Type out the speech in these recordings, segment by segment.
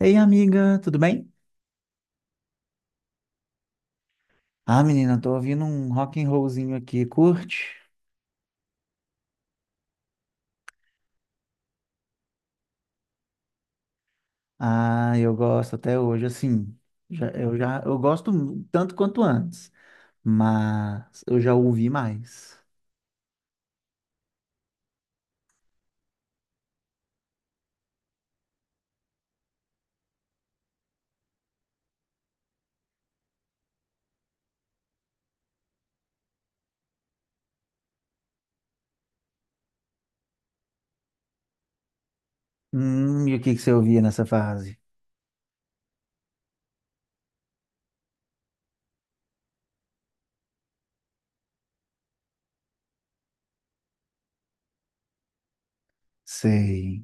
Ei, amiga, tudo bem? Ah, menina, tô ouvindo um rock and rollzinho aqui, curte? Ah, eu gosto até hoje, assim, eu gosto tanto quanto antes, mas eu já ouvi mais. E o que que você ouvia nessa fase? Sei.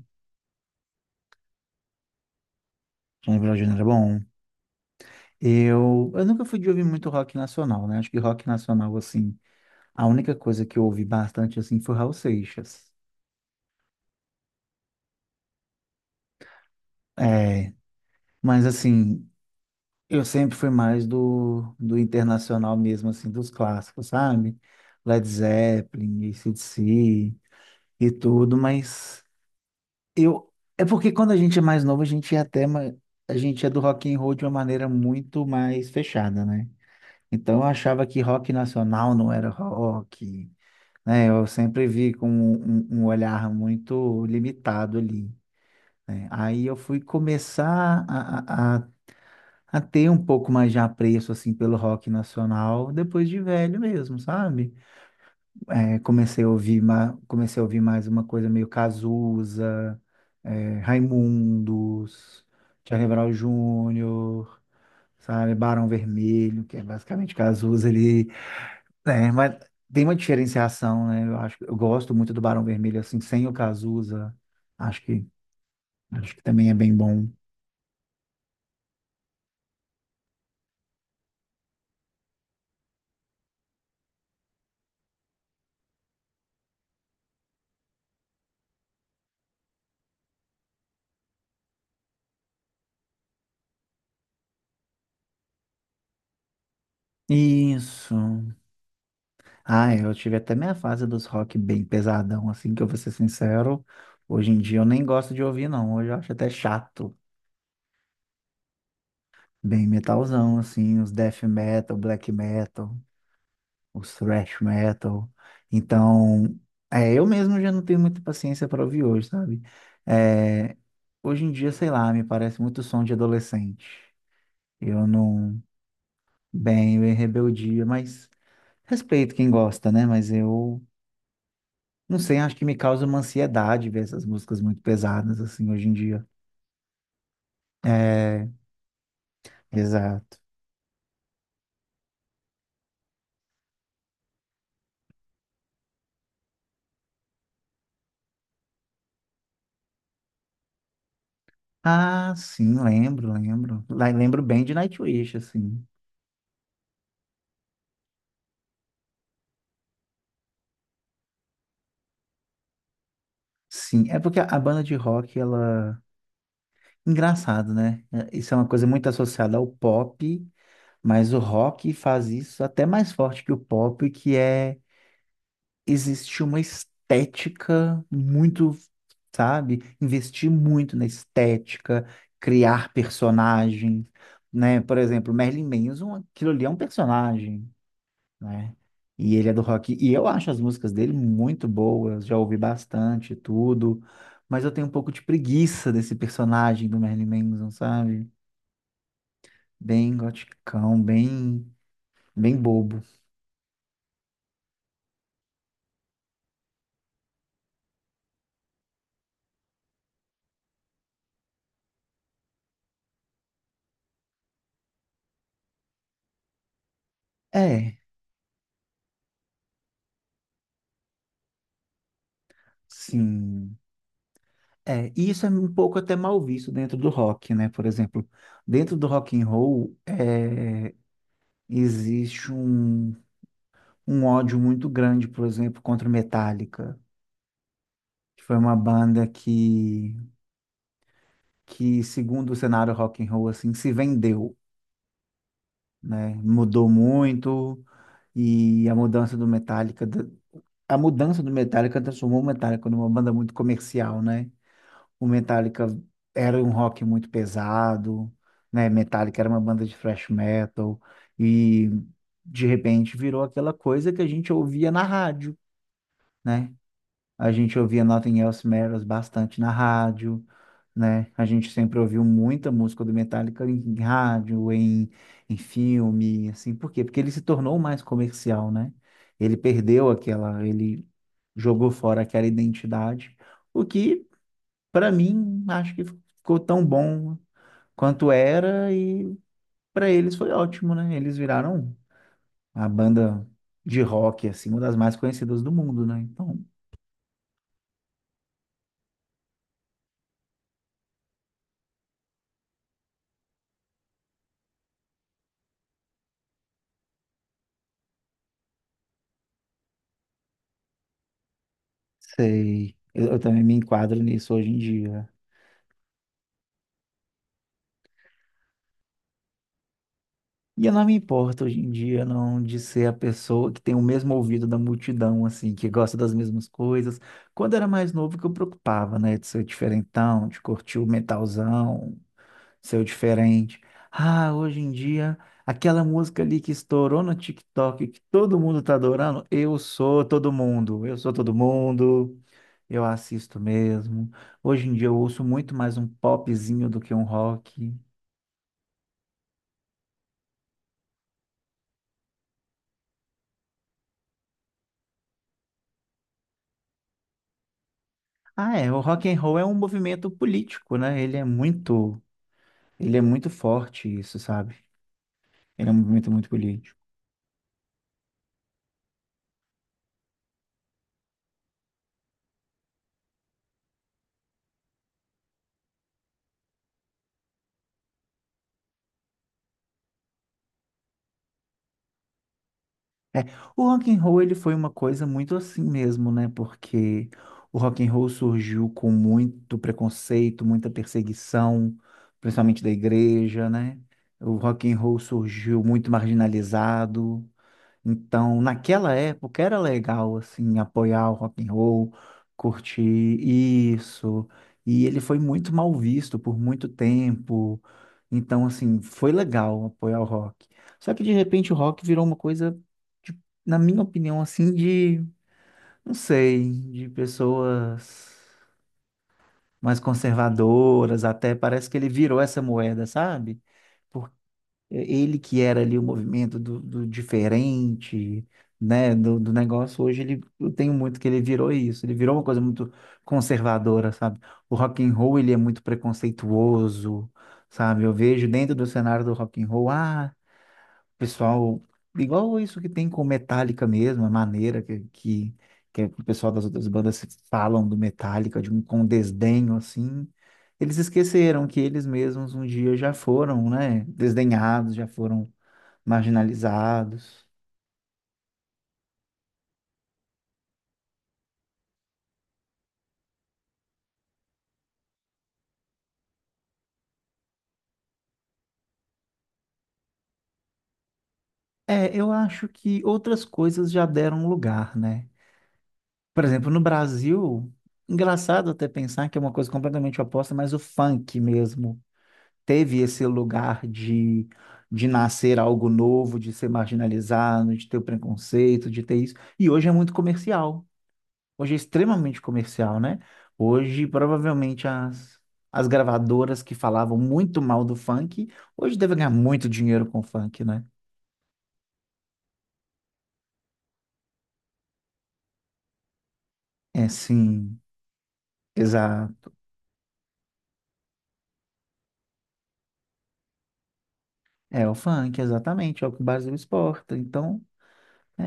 Johnny Bravo era bom. Eu nunca fui de ouvir muito rock nacional, né? Acho que rock nacional, assim, a única coisa que eu ouvi bastante, assim, foi Raul Seixas. É, mas assim, eu sempre fui mais do internacional mesmo, assim, dos clássicos, sabe? Led Zeppelin, AC/DC e tudo, mas eu... É porque quando a gente é mais novo, a gente é até... A gente é do rock and roll de uma maneira muito mais fechada, né? Então eu achava que rock nacional não era rock, né? Eu sempre vi com um, um olhar muito limitado ali, né? Aí eu fui começar a ter um pouco mais de apreço assim pelo rock nacional depois de velho mesmo, sabe? É, comecei a ouvir mais uma coisa meio Cazuza, é, Raimundos, Charlie Brown Júnior, sabe? Barão Vermelho, que é basicamente Cazuza ali, né? Mas tem uma diferenciação, né? Eu gosto muito do Barão Vermelho assim, sem o Cazuza. Acho que acho que também é bem bom. Isso. Ah, é, eu tive até minha fase dos rock bem pesadão, assim, que eu vou ser sincero. Hoje em dia eu nem gosto de ouvir, não. Hoje eu acho até chato. Bem metalzão, assim, os death metal, black metal, os thrash metal. Então, é, eu mesmo já não tenho muita paciência para ouvir hoje, sabe? É, hoje em dia, sei lá, me parece muito som de adolescente. Eu não. Bem, eu em rebeldia, mas respeito quem gosta, né? Mas eu. Não sei, acho que me causa uma ansiedade ver essas músicas muito pesadas, assim, hoje em dia. É, exato. Ah, sim, lembro, lembro. Lembro bem de Nightwish, assim. Sim, é porque a banda de rock, ela... Engraçado, né? É, isso é uma coisa muito associada ao pop, mas o rock faz isso até mais forte que o pop, que é existe uma estética muito, sabe? Investir muito na estética, criar personagens, né? Por exemplo, Merlin Manson, aquilo ali é um personagem, né? E ele é do rock. E eu acho as músicas dele muito boas, já ouvi bastante e tudo. Mas eu tenho um pouco de preguiça desse personagem do Merlin Manson, sabe? Bem goticão, bem, bem bobo. É, sim. É, e isso é um pouco até mal visto dentro do rock, né? Por exemplo, dentro do rock and roll, é, existe um, um ódio muito grande, por exemplo, contra o Metallica, que foi uma banda que segundo o cenário rock and roll, assim, se vendeu, né? Mudou muito e a mudança do Metallica transformou o Metallica numa banda muito comercial, né? O Metallica era um rock muito pesado, né? Metallica era uma banda de thrash metal e de repente virou aquela coisa que a gente ouvia na rádio, né? A gente ouvia Nothing Else Matters bastante na rádio, né? A gente sempre ouviu muita música do Metallica em rádio, em, em filme, assim. Por quê? Porque ele se tornou mais comercial, né? Ele perdeu aquela, ele jogou fora aquela identidade. O que para mim, acho que ficou tão bom quanto era e para eles foi ótimo, né? Eles viraram a banda de rock, assim, uma das mais conhecidas do mundo, né? Então, sei. Eu também me enquadro nisso hoje em dia. E eu não me importo hoje em dia, não, de ser a pessoa que tem o mesmo ouvido da multidão, assim, que gosta das mesmas coisas. Quando era mais novo, que eu preocupava, né? De ser diferentão, de curtir o metalzão, seu diferente. Ah, hoje em dia, aquela música ali que estourou no TikTok, que todo mundo tá adorando, eu sou todo mundo, eu sou todo mundo, eu assisto mesmo. Hoje em dia eu ouço muito mais um popzinho do que um rock. Ah, é, o rock and roll é um movimento político, né? Ele é muito forte isso, sabe? Ele é um movimento muito político. É, o rock and roll ele foi uma coisa muito assim mesmo, né? Porque o rock and roll surgiu com muito preconceito, muita perseguição, principalmente da igreja, né? O rock and roll surgiu muito marginalizado. Então, naquela época era legal assim apoiar o rock and roll, curtir isso. E ele foi muito mal visto por muito tempo. Então, assim, foi legal apoiar o rock. Só que de repente o rock virou uma coisa, de- na minha opinião, assim, de, não sei, de pessoas mais conservadoras, até parece que ele virou essa moeda, sabe? É, ele que era ali o movimento do diferente, né, do negócio, hoje ele, eu tenho muito que ele virou isso, ele virou uma coisa muito conservadora, sabe? O rock and roll, ele é muito preconceituoso, sabe? Eu vejo dentro do cenário do rock and roll, ah, pessoal, igual isso que tem com Metallica mesmo, a maneira que o pessoal das outras bandas falam do Metallica, de um, com desdenho, assim, eles esqueceram que eles mesmos um dia já foram, né, desdenhados, já foram marginalizados. É, eu acho que outras coisas já deram lugar, né? Por exemplo, no Brasil, engraçado até pensar que é uma coisa completamente oposta, mas o funk mesmo teve esse lugar de nascer algo novo, de ser marginalizado, de ter o preconceito, de ter isso. E hoje é muito comercial. Hoje é extremamente comercial, né? Hoje, provavelmente, as gravadoras que falavam muito mal do funk, hoje devem ganhar muito dinheiro com o funk, né? É, sim, exato. É o funk, exatamente, é o que o Brasil exporta. Então, é,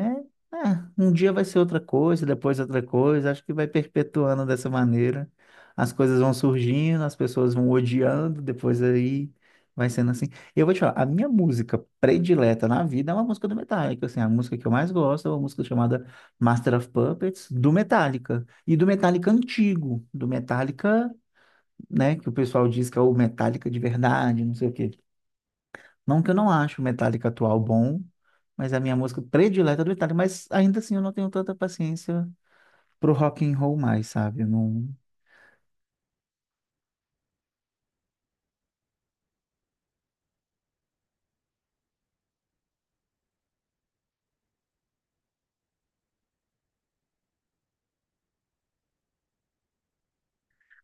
é, um dia vai ser outra coisa, depois outra coisa. Acho que vai perpetuando dessa maneira. As coisas vão surgindo, as pessoas vão odiando, depois aí vai sendo assim. E eu vou te falar, a minha música predileta na vida é uma música do Metallica. Assim, a música que eu mais gosto é uma música chamada Master of Puppets, do Metallica. E do Metallica antigo, do Metallica, né, que o pessoal diz que é o Metallica de verdade, não sei o quê. Não que eu não acho o Metallica atual bom, mas é a minha música predileta do Metallica, mas ainda assim eu não tenho tanta paciência pro rock and roll mais, sabe? Eu não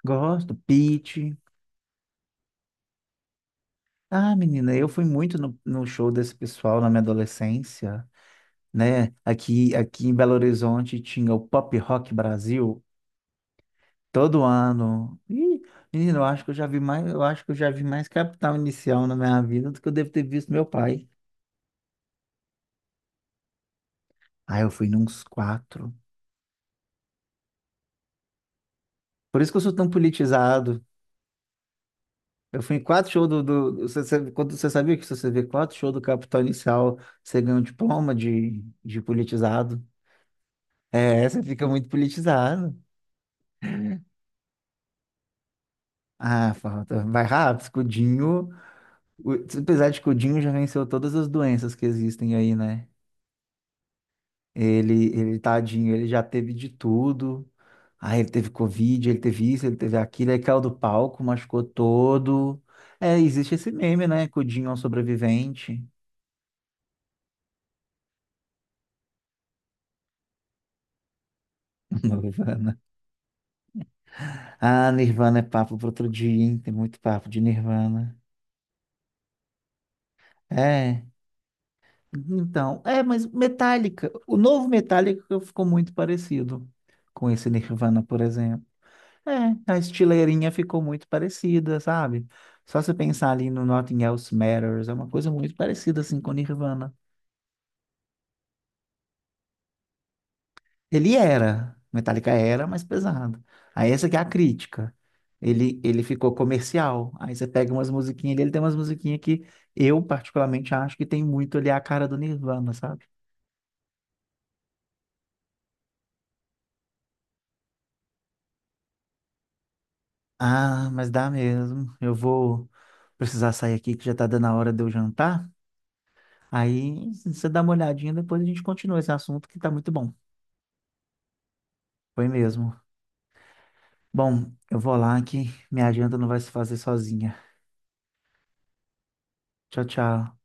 gosto, Pitty. Ah, menina, eu fui muito no show desse pessoal na minha adolescência, né? Aqui em Belo Horizonte tinha o Pop Rock Brasil todo ano. Ih, menina, eu acho que eu já vi mais Capital Inicial na minha vida do que eu devo ter visto meu pai. Ah, eu fui nos quatro. Por isso que eu sou tão politizado. Eu fui em quatro shows do quando você sabia que se você vê quatro shows do Capital Inicial, você ganha um diploma de politizado. É, você fica muito politizado. Ah, falta. Vai rápido, Escudinho. o- Apesar de Escudinho já venceu todas as doenças que existem aí, né? Tadinho, ele já teve de tudo. Ah, ele teve Covid, ele teve isso, ele teve aquilo, aí caiu do palco, machucou todo. É, existe esse meme, né? Cudinho é um sobrevivente. Ah, Nirvana é papo para outro dia, hein? Tem muito papo de Nirvana. É, então, é, mas Metallica, o novo Metallica ficou muito parecido com esse Nirvana, por exemplo. É, a estileirinha ficou muito parecida, sabe? Só se pensar ali no Nothing Else Matters, é uma coisa muito parecida assim com Nirvana. Ele era, Metallica era mais pesado. Aí essa que é a crítica. Ele ficou comercial. Aí você pega umas musiquinhas dele, ele tem umas musiquinhas que eu particularmente acho que tem muito ali a cara do Nirvana, sabe? Ah, mas dá mesmo. Eu vou precisar sair aqui que já tá dando a hora de eu jantar. Aí você dá uma olhadinha, depois a gente continua esse assunto que tá muito bom. Foi mesmo. Bom, eu vou lá que minha janta não vai se fazer sozinha. Tchau, tchau.